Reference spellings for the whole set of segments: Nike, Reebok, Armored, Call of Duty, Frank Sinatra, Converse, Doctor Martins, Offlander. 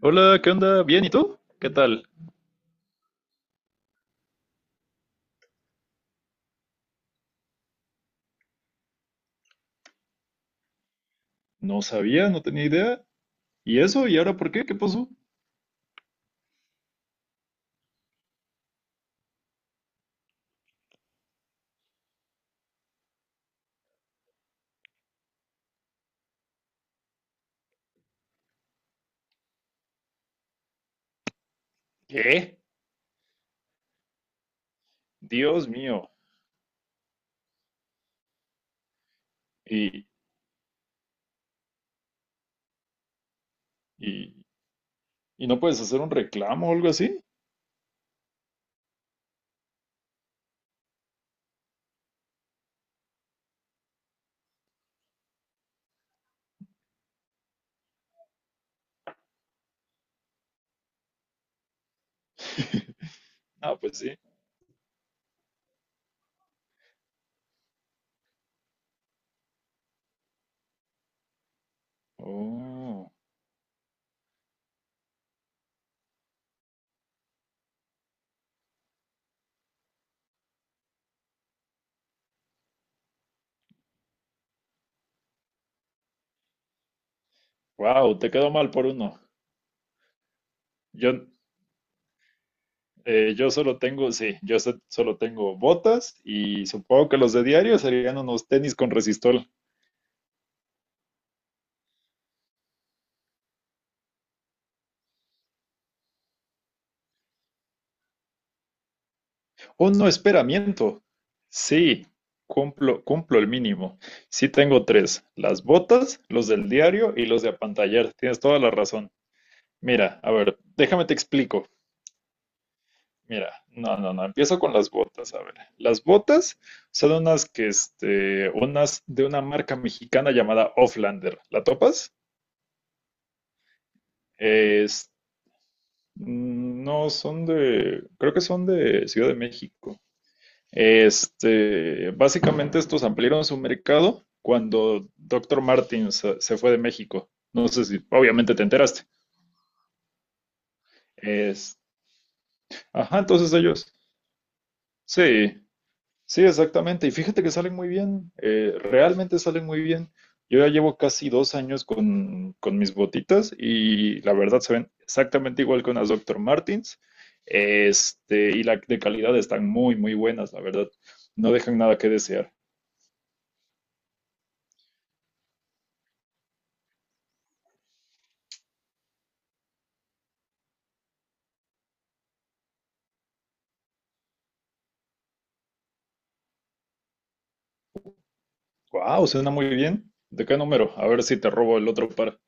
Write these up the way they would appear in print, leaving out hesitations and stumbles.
Hola, ¿qué onda? ¿Bien? ¿Y tú? ¿Qué tal? No sabía, no tenía idea. ¿Y eso? ¿Y ahora por qué? ¿Qué pasó? ¿Qué? Dios mío. ¿Y, y, y no puedes hacer un reclamo o algo así? Ah, pues sí. Oh, wow, te quedó mal por uno. Yo, yo solo tengo, sí, solo tengo botas y supongo que los de diario serían unos tenis con resistol. Un no, espera, sí, cumplo el mínimo. Sí tengo tres, las botas, los del diario y los de apantallar. Tienes toda la razón. Mira, a ver, déjame te explico. Mira, no, no, no, empiezo con las botas. A ver, las botas son unas que, unas de una marca mexicana llamada Offlander. ¿La topas? Es, no, son de, creo que son de Ciudad de México. Básicamente estos ampliaron su mercado cuando Doctor Martins se fue de México. No sé si, obviamente te enteraste. Es, ajá, entonces ellos. Sí, sí, exactamente. Y fíjate que salen muy bien, realmente salen muy bien. Yo ya llevo casi dos años con mis botitas y la verdad se ven exactamente igual con las Doctor Martins. Y la de calidad están muy, muy buenas, la verdad. No dejan nada que desear. Wow, suena muy bien. ¿De qué número? A ver si te robo el otro par.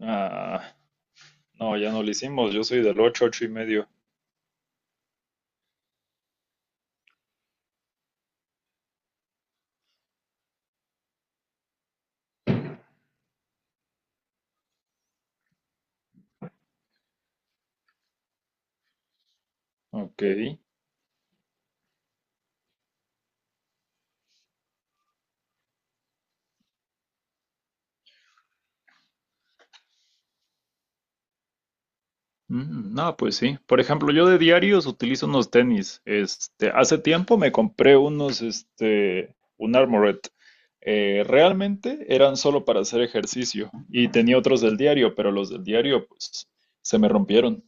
Ah, no, ya no lo hicimos. Yo soy del ocho y medio. Ok. Mm, no, pues sí. Por ejemplo, yo de diarios utilizo unos tenis. Hace tiempo me compré unos, un Armored. Realmente eran solo para hacer ejercicio y tenía otros del diario, pero los del diario, pues, se me rompieron.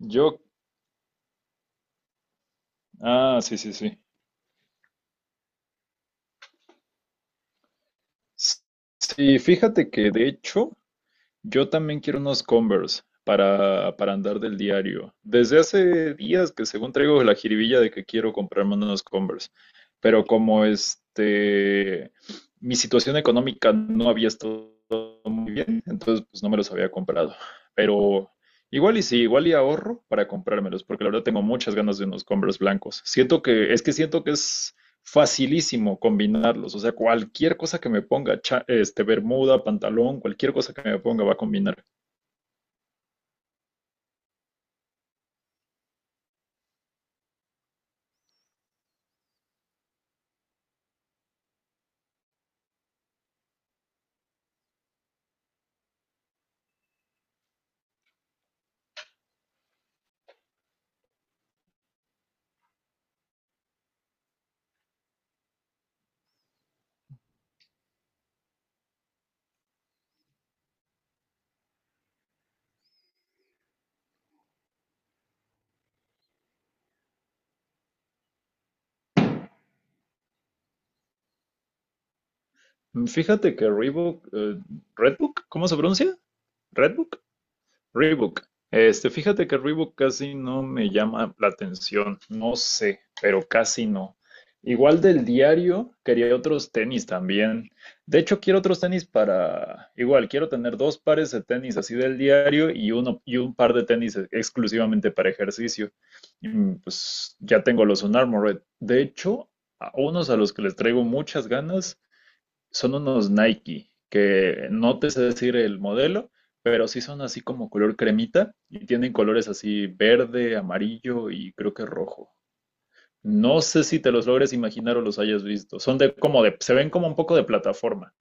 Yo, sí, sí, sí. S- sí, fíjate que de hecho yo también quiero unos Converse para andar del diario. Desde hace días que según traigo la jiribilla de que quiero comprarme unos Converse, pero mi situación económica no había estado muy bien, entonces pues no me los había comprado. Pero igual y sí, igual y ahorro para comprármelos, porque la verdad tengo muchas ganas de unos Converse blancos. Siento que, es que siento que es facilísimo combinarlos. O sea, cualquier cosa que me ponga, bermuda, pantalón, cualquier cosa que me ponga va a combinar. Mm, fíjate que Reebok, Redbook, ¿cómo se pronuncia? ¿Redbook? Reebok. Fíjate que Reebok casi no me llama la atención, no sé, pero casi no. Igual del diario, quería otros tenis también. De hecho, quiero otros tenis para, igual, quiero tener dos pares de tenis así del diario y uno y un par de tenis exclusivamente para ejercicio. Mm, pues ya tengo los Unarmored. De hecho, a unos a los que les traigo muchas ganas son unos Nike, que no te sé decir el modelo, pero sí son así como color cremita y tienen colores así verde, amarillo y creo que rojo. No sé si te los logres imaginar o los hayas visto. Son de como de, se ven como un poco de plataforma,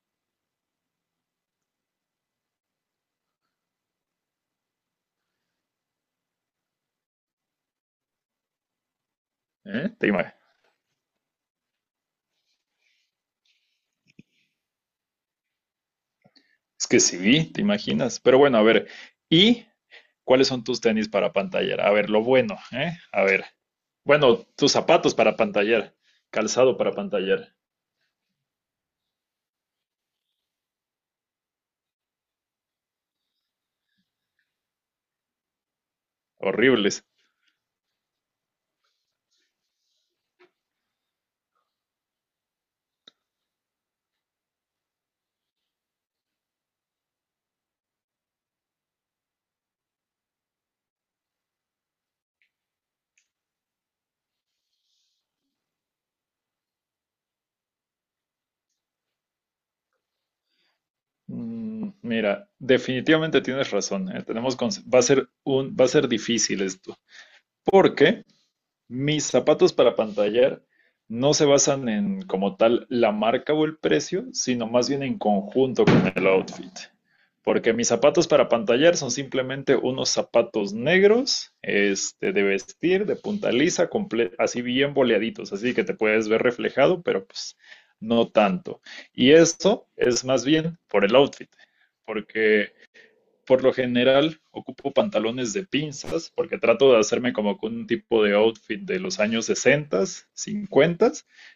¿eh? Es que sí, te imaginas. Pero bueno, a ver, ¿y cuáles son tus tenis para pantallar? A ver, lo bueno, ¿eh? A ver, bueno, tus zapatos para pantallar, calzado para pantallar, horribles. Mm, mira, definitivamente tienes razón, ¿eh? Va a ser va a ser difícil esto, porque mis zapatos para pantallar no se basan en como tal la marca o el precio, sino más bien en conjunto con el outfit. Porque mis zapatos para pantallar son simplemente unos zapatos negros, de vestir, de punta lisa, así bien boleaditos, así que te puedes ver reflejado, pero pues no tanto. Y esto es más bien por el outfit, porque por lo general ocupo pantalones de pinzas porque trato de hacerme como que un tipo de outfit de los años 60, 50,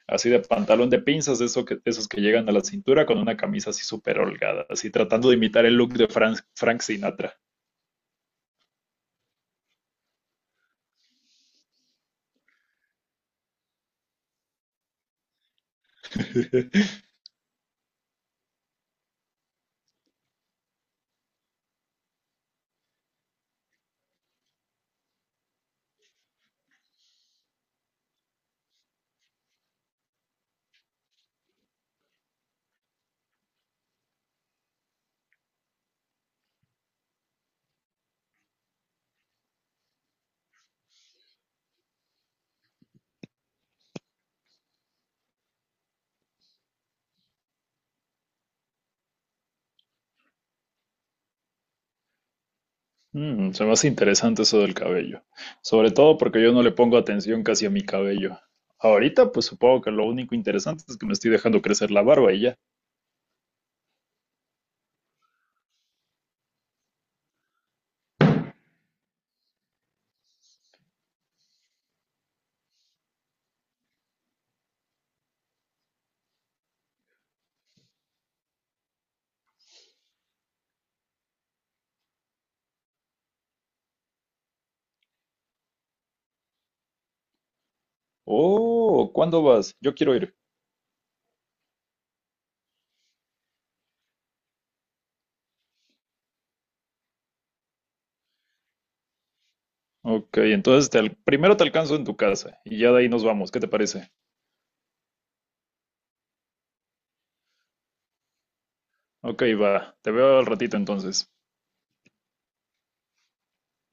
así de pantalón de pinzas, de eso que, de esos que llegan a la cintura con una camisa así súper holgada, así tratando de imitar el look de Frank Sinatra. Mm, se me hace interesante eso del cabello, sobre todo porque yo no le pongo atención casi a mi cabello. Ahorita, pues supongo que lo único interesante es que me estoy dejando crecer la barba y ya. Oh, ¿cuándo vas? Yo quiero ir. Ok, entonces primero te alcanzo en tu casa y ya de ahí nos vamos. ¿Qué te parece? Ok, va. Te veo al ratito entonces.